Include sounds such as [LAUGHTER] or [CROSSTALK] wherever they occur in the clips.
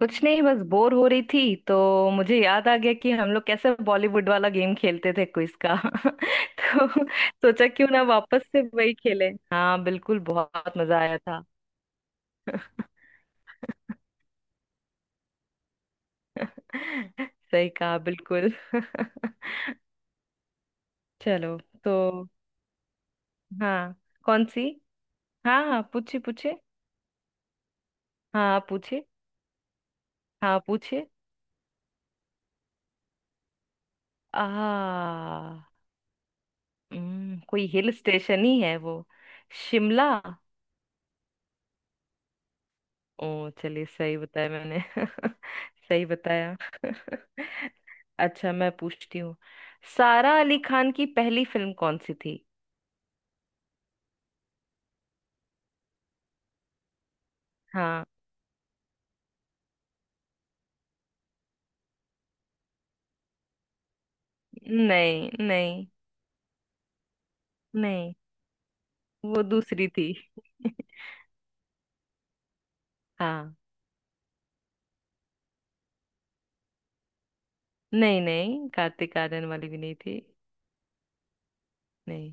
कुछ नहीं। बस बोर हो रही थी तो मुझे याद आ गया कि हम लोग कैसे बॉलीवुड वाला गेम खेलते थे, क्विज का। [LAUGHS] तो सोचा क्यों ना वापस से वही खेलें। हाँ बिल्कुल, बहुत मजा आया था। [LAUGHS] सही कहा बिल्कुल। [LAUGHS] चलो। तो हाँ। कौन सी? हाँ हाँ, पूछिए पूछिए। हाँ पूछिए। हाँ पूछिए। आ कोई हिल स्टेशन ही है वो। शिमला। ओ चलिए, सही बताया मैंने। [LAUGHS] सही बताया। [LAUGHS] अच्छा, मैं पूछती हूँ, सारा अली खान की पहली फिल्म कौन सी थी? हाँ। नहीं नहीं नहीं, वो दूसरी थी। [LAUGHS] हाँ। नहीं नहीं, कार्तिक आर्यन वाली भी नहीं थी। नहीं।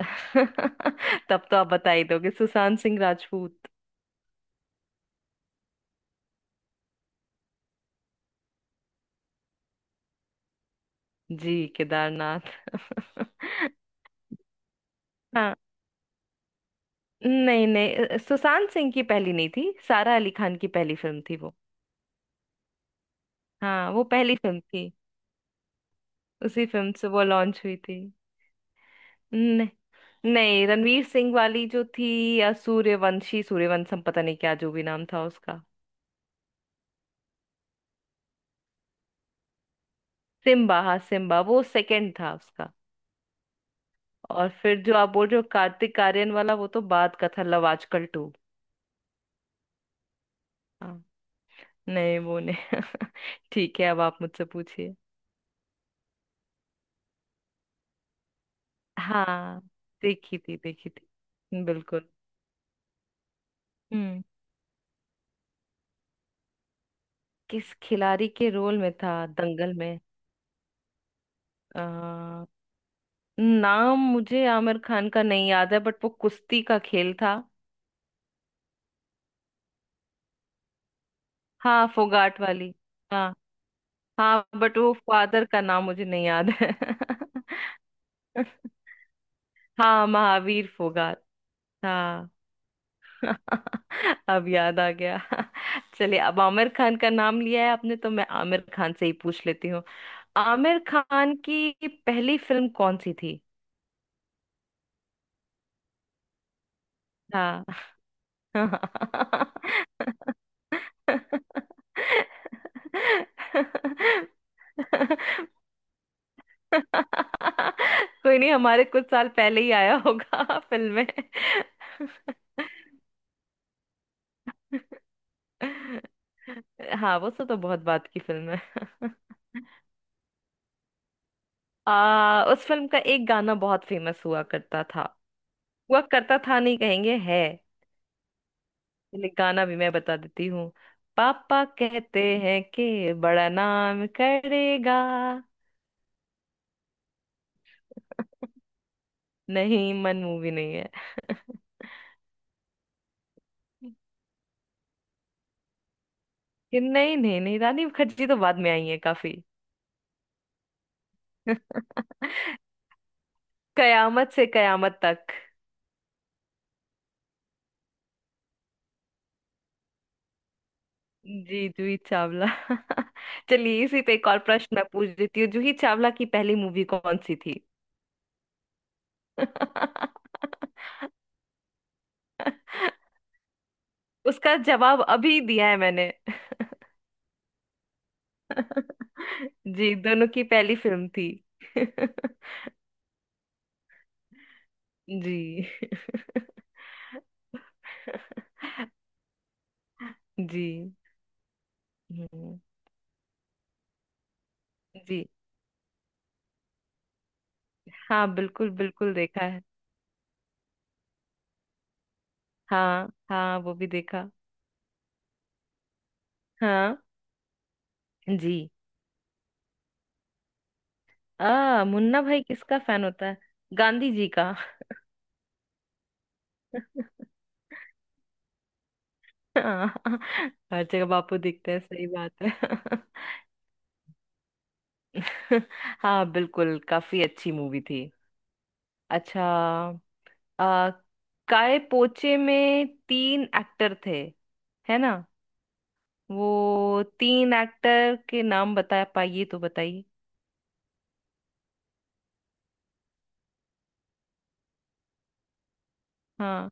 [LAUGHS] तब तो आप बता ही दोगे, सुशांत सिंह राजपूत। जी केदारनाथ। हाँ। नहीं नहीं, सुशांत सिंह की पहली नहीं थी, सारा अली खान की पहली फिल्म थी वो। हाँ वो पहली फिल्म थी। उसी फिल्म से वो लॉन्च हुई थी। न, नहीं, रणवीर सिंह वाली जो थी, या सूर्यवंशी सूर्यवंशम, पता नहीं क्या जो भी नाम था उसका। सिम्बा, हाँ सिम्बा, वो सेकंड था उसका। और फिर जो आप बोल रहे हो कार्तिक आर्यन वाला, वो तो बाद का था, लव आजकल टू। हाँ नहीं, वो नहीं। [LAUGHS] ठीक है, अब आप मुझसे पूछिए। हाँ देखी थी बिल्कुल। हम्म किस खिलाड़ी के रोल में था दंगल में? अ नाम मुझे आमिर खान का नहीं याद है, बट वो कुश्ती का खेल था। हाँ फोगाट वाली। हाँ हाँ, बट वो फादर का नाम मुझे नहीं याद है। [LAUGHS] हाँ महावीर फोगाट। हाँ। [LAUGHS] अब याद आ गया। [LAUGHS] चलिए, अब आमिर खान का नाम लिया है आपने तो मैं आमिर खान से ही पूछ लेती हूँ। आमिर खान की पहली फिल्म कौन सी थी? हाँ। कोई नहीं, हमारे कुछ साल पहले ही आया होगा फिल्म में। हाँ वो, सो तो बहुत बात की फिल्म है। उस फिल्म का एक गाना बहुत फेमस हुआ करता था। हुआ करता था नहीं, कहेंगे है। चलिए, गाना भी मैं बता देती हूँ। पापा कहते हैं कि बड़ा नाम करेगा। नहीं, मन मूवी नहीं है। कि नहीं नहीं नहीं, रानी मुखर्जी तो बाद में आई है काफी। [LAUGHS] कयामत से कयामत तक। जी जूही चावला। [LAUGHS] चलिए, इसी पे एक और प्रश्न मैं पूछ देती हूँ, जूही चावला की पहली मूवी कौन सी थी? [LAUGHS] उसका जवाब अभी दिया है मैंने। [LAUGHS] जी, दोनों की पहली फिल्म थी। [LAUGHS] जी। [LAUGHS] जी। हम्म, जी। हाँ बिल्कुल बिल्कुल, देखा है। हाँ हाँ, वो भी देखा। हाँ जी। आ मुन्ना भाई किसका फैन होता है? गांधी जी का। हाँ, हर जगह बापू दिखते हैं, सही बात है। हाँ बिल्कुल, काफी अच्छी मूवी थी। अच्छा, आ, काए पोचे में तीन एक्टर थे, है ना? वो तीन एक्टर के नाम बता पाइए तो बताइए। हाँ,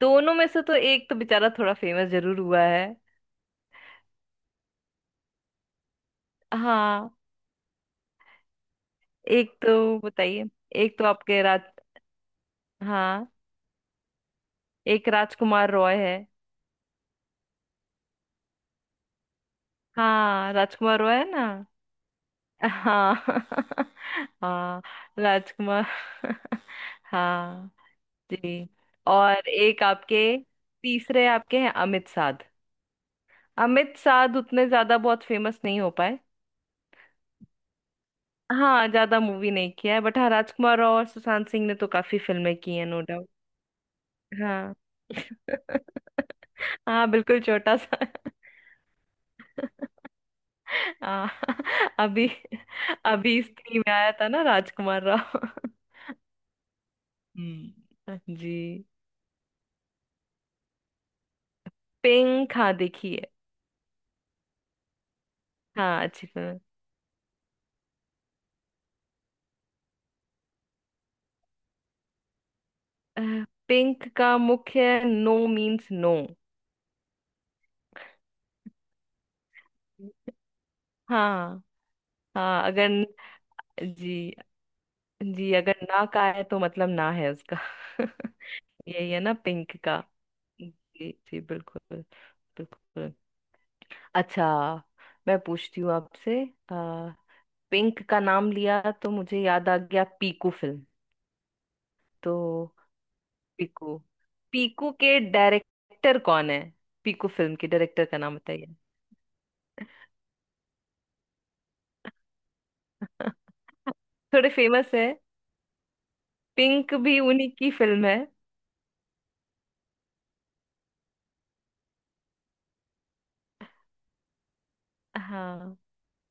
दोनों में से तो एक तो बेचारा थोड़ा फेमस जरूर हुआ है। हाँ, एक तो बताइए। एक तो आपके, हाँ, एक राजकुमार रॉय है। हाँ राजकुमार रॉय है ना। हाँ। [LAUGHS] हाँ राजकुमार। [LAUGHS] हाँ जी। और एक आपके, तीसरे आपके हैं अमित साध। अमित साध उतने ज्यादा बहुत फेमस नहीं हो पाए। हाँ ज्यादा मूवी नहीं किया है, बट हाँ राजकुमार राव और सुशांत सिंह ने तो काफी फिल्में की हैं, नो डाउट। हाँ। [LAUGHS] हाँ बिल्कुल, छोटा सा। [LAUGHS] [LAUGHS] आ, अभी अभी स्त्री में आया था ना राजकुमार राव। जी। पिंक, हाँ देखी है। हाँ अच्छी फिल्म। पिंक का मुख्य, नो मीन्स नो। हाँ हाँ, अगर, जी जी, अगर ना का है तो मतलब ना है उसका। [LAUGHS] यही है ना पिंक का। जी जी बिल्कुल बिल्कुल। अच्छा, मैं पूछती हूँ आपसे, पिंक का नाम लिया तो मुझे याद आ गया पीकू फिल्म। तो पीकू, पीकू के डायरेक्टर कौन है? पीकू फिल्म के डायरेक्टर का नाम बताइए। [LAUGHS] थोड़े फेमस है। पिंक भी उन्हीं की फिल्म है। हाँ,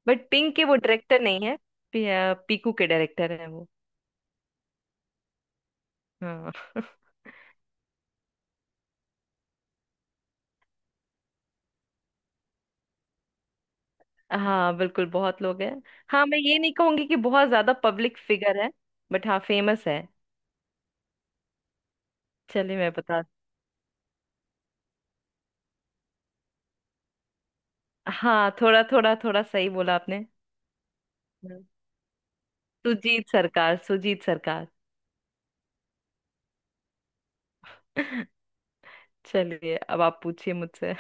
बट पिंक के वो डायरेक्टर नहीं है। पीकू के डायरेक्टर है वो। हाँ। [LAUGHS] हाँ बिल्कुल, बहुत लोग हैं। हाँ, मैं ये नहीं कहूंगी कि बहुत ज्यादा पब्लिक फिगर है, बट हाँ फेमस है। चलिए, मैं बता। हाँ थोड़ा थोड़ा थोड़ा, सही बोला आपने। सुजीत सरकार, सुजीत सरकार। [LAUGHS] चलिए, अब आप पूछिए मुझसे।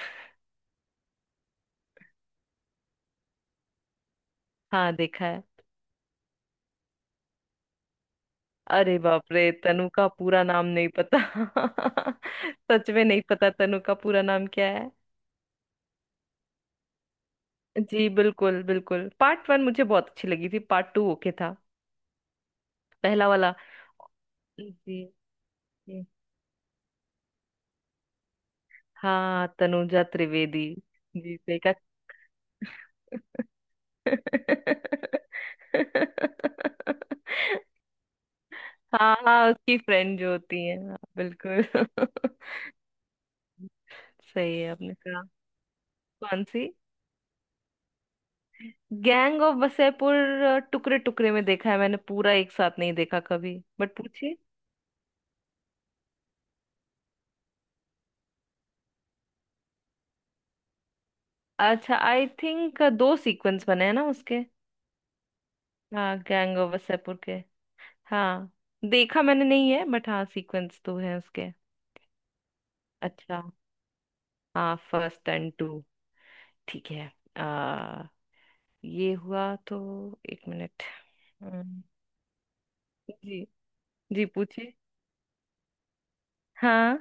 हाँ देखा है। अरे बाप रे, तनु का पूरा नाम नहीं पता। [LAUGHS] सच में नहीं पता तनु का पूरा नाम क्या है। जी बिल्कुल बिल्कुल, पार्ट वन मुझे बहुत अच्छी लगी थी, पार्ट टू ओके था। पहला वाला। जी। जी। हाँ, तनुजा त्रिवेदी। जी सही कहा। [LAUGHS] हाँ हाँ, उसकी फ्रेंड जो होती है, हाँ, बिल्कुल। [LAUGHS] सही है आपने कहा। कौन सी? Gang of Wasseypur? टुकड़े टुकड़े में देखा है मैंने, पूरा एक साथ नहीं देखा कभी, बट पूछिए। अच्छा, आई थिंक दो सीक्वेंस बने हैं ना उसके। हाँ गैंग ऑफ वसेपुर के। हाँ। देखा मैंने नहीं है, बट हाँ सीक्वेंस तो है उसके। अच्छा हाँ, फर्स्ट एंड टू। ठीक है। आ, ये हुआ तो, एक मिनट। हम्म, जी। जी पूछिए। हाँ।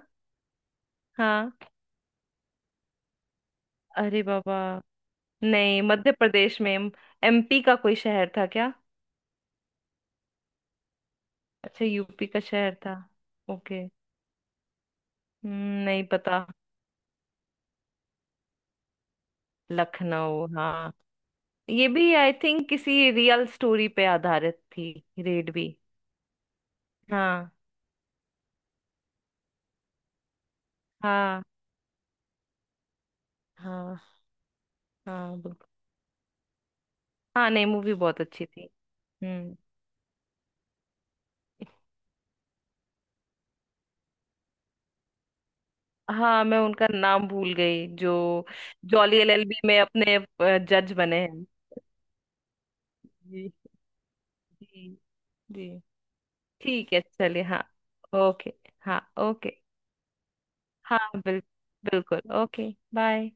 हाँ। अरे बाबा, नहीं, मध्य प्रदेश में? एमपी का कोई शहर था क्या? अच्छा, यूपी का शहर था। ओके। नहीं पता। लखनऊ, हाँ। ये भी आई थिंक किसी रियल स्टोरी पे आधारित थी, रेड भी। हाँ। हाँ। हाँ। हाँ बिल्कुल। हाँ नहीं, मूवी बहुत अच्छी थी। हम्म। हाँ मैं उनका नाम भूल गई, जो जॉली एलएलबी में अपने जज बने हैं। जी। जी। जी, ठीक है, चलिए, हाँ। ओके। हाँ ओके। हाँ बिल्कुल ओके। बाय।